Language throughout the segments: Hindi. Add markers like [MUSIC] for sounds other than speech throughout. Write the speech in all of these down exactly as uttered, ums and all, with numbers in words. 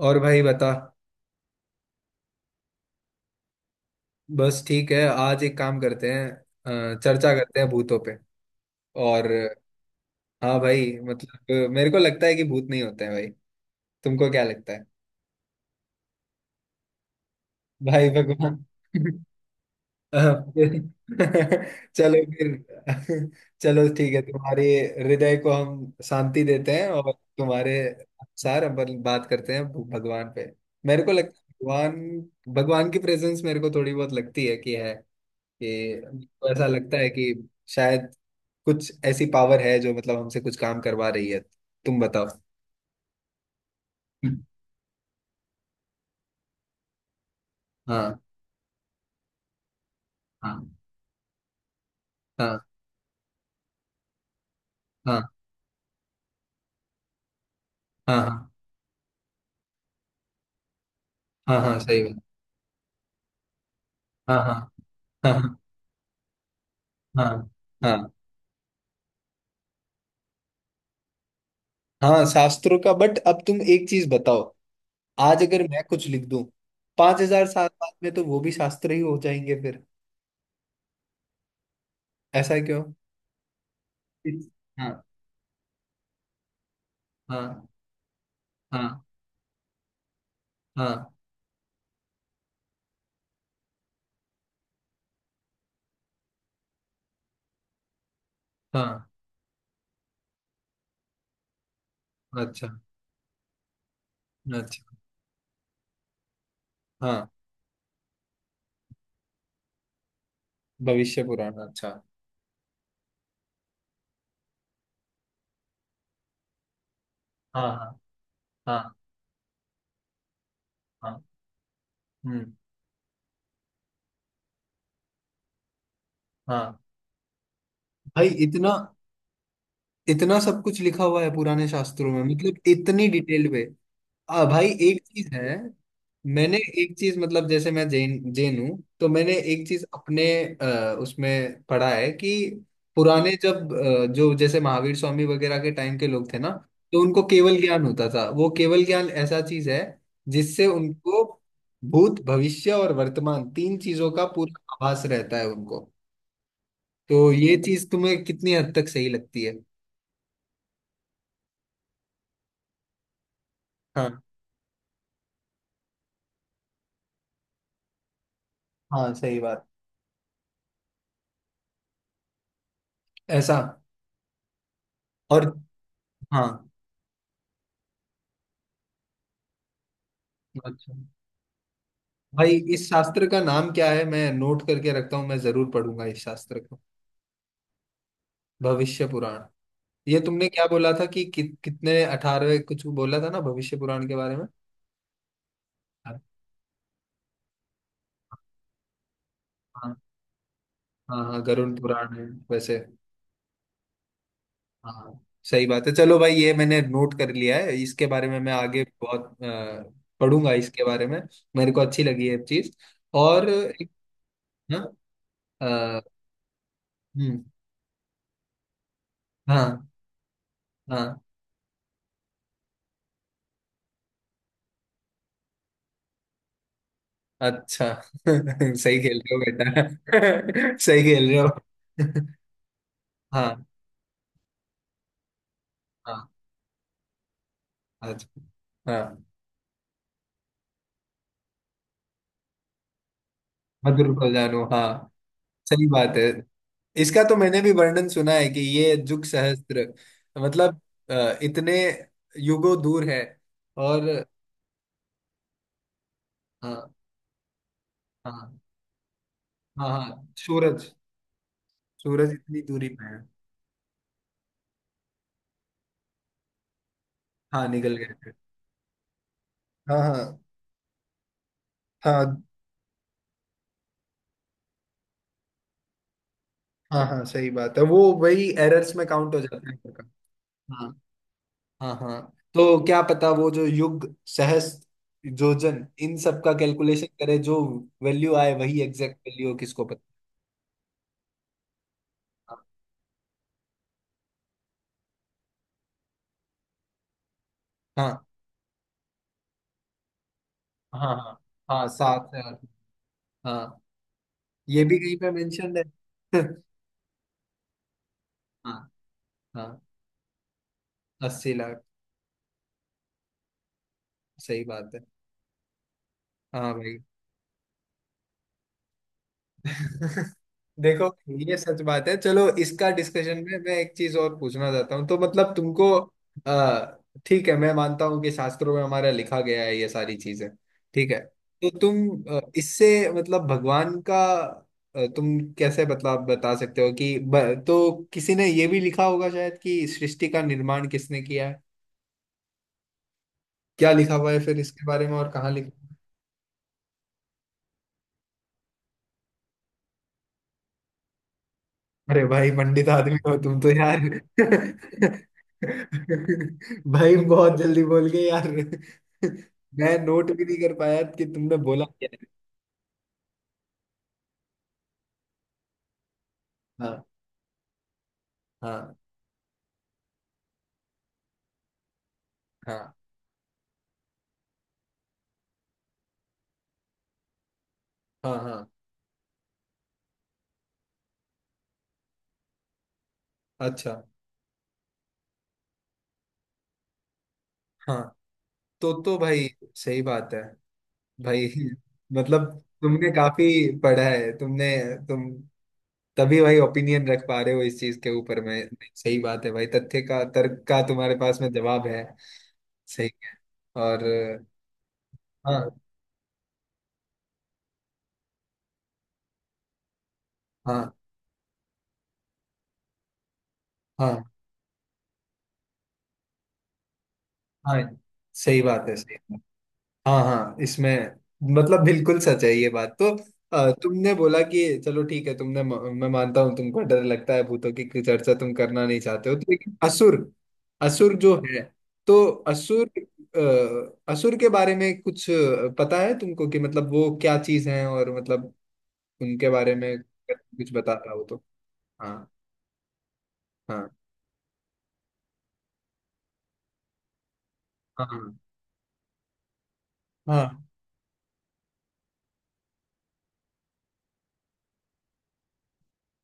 और भाई बता। बस ठीक है, आज एक काम करते हैं। अ, चर्चा करते हैं भूतों पे। और हाँ भाई, मतलब मेरे को लगता है कि भूत नहीं होते हैं भाई। तुमको क्या लगता है? भाई भगवान। [LAUGHS] चलो फिर। चलो ठीक है, तुम्हारे हृदय को हम शांति देते हैं। और तुम्हारे अनुसार हम बल- बात करते हैं भगवान पे। मेरे को लगता है भगवान। भगवान की प्रेजेंस मेरे को थोड़ी बहुत लगती है कि है, कि हमको ऐसा लगता है कि शायद कुछ ऐसी पावर है जो मतलब हमसे कुछ काम करवा रही है। तुम बताओ। हम्म, हाँ हाँ। हाँ हाँ। हाँ हाँ। हाँ हाँ सही बात। हाँ हाँ। हाँ हाँ। हाँ हाँ। हाँ, शास्त्रों का। बट अब तुम एक चीज बताओ, आज अगर मैं कुछ लिख दूं, पांच हजार साल बाद में तो वो भी शास्त्र ही हो जाएंगे फिर। ऐसा क्यों? इस- हाँ। हाँ। हाँ हाँ। हाँ। अच्छा। अच्छा। हाँ, भविष्य पुराण, अच्छा। हाँ हाँ। हाँ, हाँ। हम्म। हाँ भाई, इतना इतना सब कुछ लिखा हुआ है पुराने शास्त्रों में, मतलब इतनी डिटेल में। आ भाई, एक चीज है। मैंने एक चीज मतलब, जैसे मैं जैन जैन हूँ, तो मैंने एक चीज अपने अ, उसमें पढ़ा है कि पुराने जब अ, जो जैसे महावीर स्वामी वगैरह के टाइम के लोग थे ना, तो उनको केवल ज्ञान होता था। वो केवल ज्ञान ऐसा चीज है जिससे उनको भूत भविष्य और वर्तमान तीन चीजों का पूरा आभास रहता है उनको। तो ये चीज तुम्हें कितनी हद तक सही लगती है? हाँ हाँ सही बात। ऐसा। और हाँ। अच्छा भाई, इस शास्त्र का नाम क्या है? मैं नोट करके रखता हूँ, मैं जरूर पढ़ूंगा इस शास्त्र को। भविष्य पुराण। ये तुमने क्या बोला था कि, कि कितने अठारहवें कुछ बोला था ना भविष्य पुराण के बारे में? हाँ। हाँ हाँ गरुड़ पुराण है। वैसे। हाँ हाँ, सही बात है। चलो भाई, ये मैंने नोट कर लिया है, इसके बारे में मैं आगे बहुत अ, पढ़ूंगा इसके बारे में। मेरे को अच्छी लगी ये चीज। और। हाँ। अ, हम्म, हाँ। हाँ। अच्छा। [LAUGHS] सही खेल रहे हो बेटा। [LAUGHS] सही खेल रहे हो। [LAUGHS] हाँ। हाँ। अच्छा। हाँ मधुर को जानो, हाँ। सही बात है। इसका तो मैंने भी वर्णन सुना है कि ये जुग सहस्त्र मतलब अ, इतने युगों दूर है। और हाँ हाँ। हाँ हाँ सूरज, सूरज इतनी दूरी पे है। हाँ निकल गए थे। हाँ हाँ। हाँ हाँ हाँ सही बात है, वो वही एरर्स में काउंट हो जाता है। हाँ हाँ। तो क्या पता वो जो युग सहस्त्र योजन इन सब का कैलकुलेशन करे, जो वैल्यू आए वही एग्जैक्ट वैल्यू हो, किसको पता। हाँ। हाँ। हाँ हाँ सात से आठ। हाँ। ये भी कहीं पे मेंशन है। [LAUGHS] हाँ। हाँ अस्सी लाख। सही बात है। हाँ भाई। [LAUGHS] देखो, ये सच बात है। चलो, इसका डिस्कशन में मैं एक चीज और पूछना चाहता हूँ, तो मतलब तुमको अ, ठीक है, मैं मानता हूँ कि शास्त्रों में हमारा लिखा गया है ये सारी चीजें। ठीक है, तो तुम अ, इससे मतलब भगवान का अ, तुम कैसे मतलब बता सकते हो कि ब, तो किसी ने ये भी लिखा होगा शायद कि सृष्टि का निर्माण किसने किया है? क्या लिखा हुआ है फिर इसके बारे में, और कहाँ लिखा? अरे भाई पंडित आदमी हो तुम तो यार। [LAUGHS] भाई बहुत जल्दी बोल गए यार। [LAUGHS] मैं नोट भी नहीं कर पाया कि तुमने बोला क्या है। हाँ हाँ। हाँ। हाँ हाँ। अच्छा। हाँ। तो तो भाई सही बात है। भाई। [LAUGHS] मतलब तुमने काफी पढ़ा है, तुमने। तुम तभी भाई ओपिनियन रख पा रहे हो इस चीज के ऊपर में, नहीं, सही बात है भाई, तथ्य का तर्क का तुम्हारे पास में जवाब है। सही। और हाँ हाँ। हाँ हाँ सही बात है, सही बात। हाँ हाँ इसमें, मतलब बिल्कुल सच है ये बात तो। अ, तुमने बोला कि चलो ठीक है, तुमने, मैं मानता हूँ तुमको डर लगता है, भूतों की कोई चर्चा तुम करना नहीं चाहते हो तो। लेकिन असुर, असुर जो है, तो असुर, अ, असुर के बारे में कुछ पता है तुमको कि मतलब वो क्या चीज है और मतलब उनके बारे में कुछ बताता हो तो। हाँ। हाँ। हाँ। हाँ।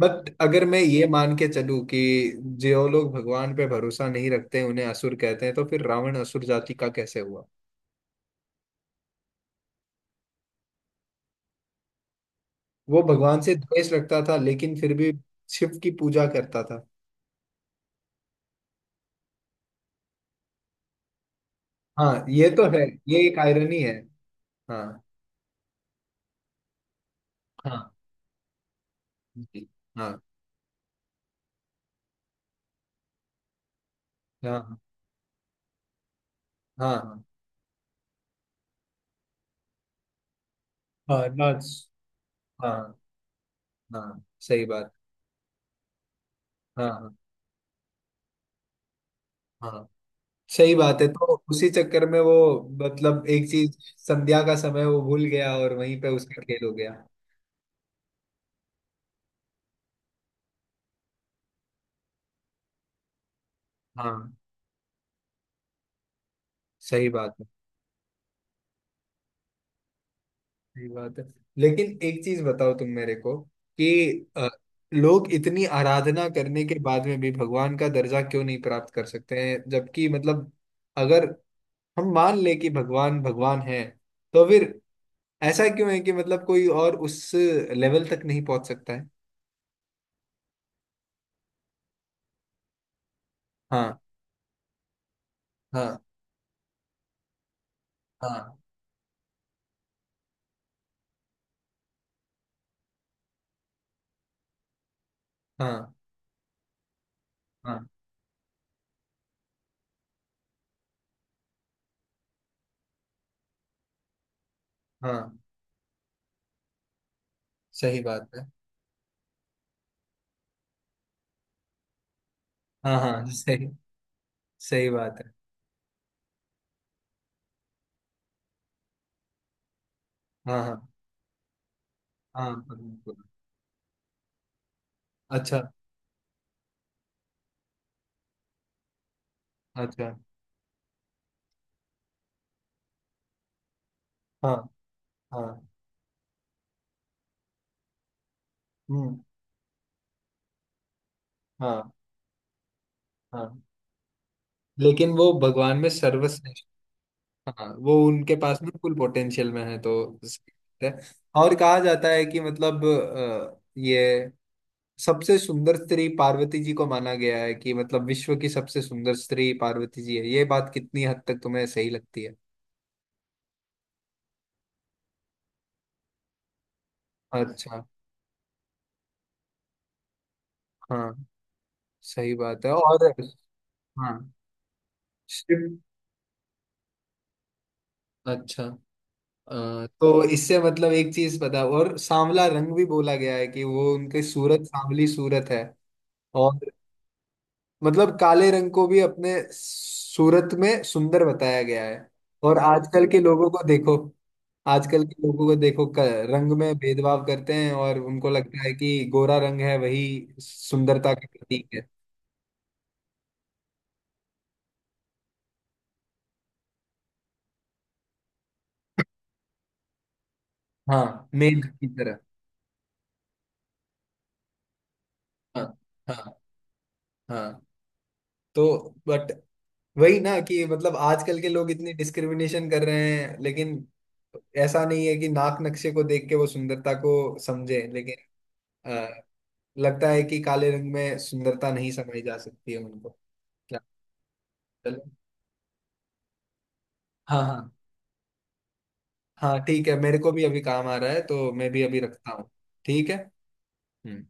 बट अगर मैं ये मान के चलूं कि जो लोग भगवान पे भरोसा नहीं रखते उन्हें असुर कहते हैं, तो फिर रावण असुर जाति का कैसे हुआ? वो भगवान से द्वेष रखता था, लेकिन फिर भी शिव की पूजा करता था। हाँ ये तो है, ये एक आयरनी है। हाँ हाँ जी हाँ। हाँ हाँ हाँ हाँ लाज, हाँ हाँ सही बात। हाँ हाँ। हाँ सही बात है, तो उसी चक्कर में वो मतलब एक चीज, संध्या का समय वो भूल गया और वहीं पे उसका खेल हो गया। हाँ। सही बात है, सही बात है। लेकिन एक चीज बताओ तुम मेरे को कि अ, लोग इतनी आराधना करने के बाद में भी भगवान का दर्जा क्यों नहीं प्राप्त कर सकते हैं? जबकि मतलब अगर हम मान ले कि भगवान भगवान है, तो फिर ऐसा क्यों है कि मतलब कोई और उस लेवल तक नहीं पहुंच सकता है? हाँ। हाँ। हाँ। हाँ। हाँ। हाँ। सही बात है। हाँ हाँ। सही। सही बात है। हाँ हाँ। हाँ बिल्कुल। अच्छा। अच्छा। हाँ। हाँ। हम्म। हाँ। हाँ। लेकिन वो भगवान में सर्वश्रेष्ठ। हाँ वो उनके पास में फुल पोटेंशियल में है तो सही है। और कहा जाता है कि मतलब अ, ये सबसे सुंदर स्त्री पार्वती जी को माना गया है, कि मतलब विश्व की सबसे सुंदर स्त्री पार्वती जी है। ये बात कितनी हद तक तुम्हें सही लगती है? अच्छा। हाँ सही बात है। और हाँ। शिव, अच्छा। अ, तो इससे मतलब एक चीज पता, और सांवला रंग भी बोला गया है कि वो उनके सूरत, सांवली सूरत है। और मतलब काले रंग को भी अपने सूरत में सुंदर बताया गया है। और आजकल के लोगों को देखो, आजकल के लोगों को देखो क- रंग में भेदभाव करते हैं और उनको लगता है कि गोरा रंग है वही सुंदरता का प्रतीक है। हाँ मेघ की तरह। हाँ हाँ हाँ। तो बट, वही ना कि मतलब आजकल के लोग इतनी डिस्क्रिमिनेशन कर रहे हैं, लेकिन ऐसा नहीं है कि नाक नक्शे को देख के वो सुंदरता को समझे। लेकिन लगता है कि काले रंग में सुंदरता नहीं समाई जा सकती है उनको। क्या? चलो। हाँ हाँ। हाँ ठीक है, मेरे को भी अभी काम आ रहा है तो मैं भी अभी रखता हूँ। ठीक है। हम्म।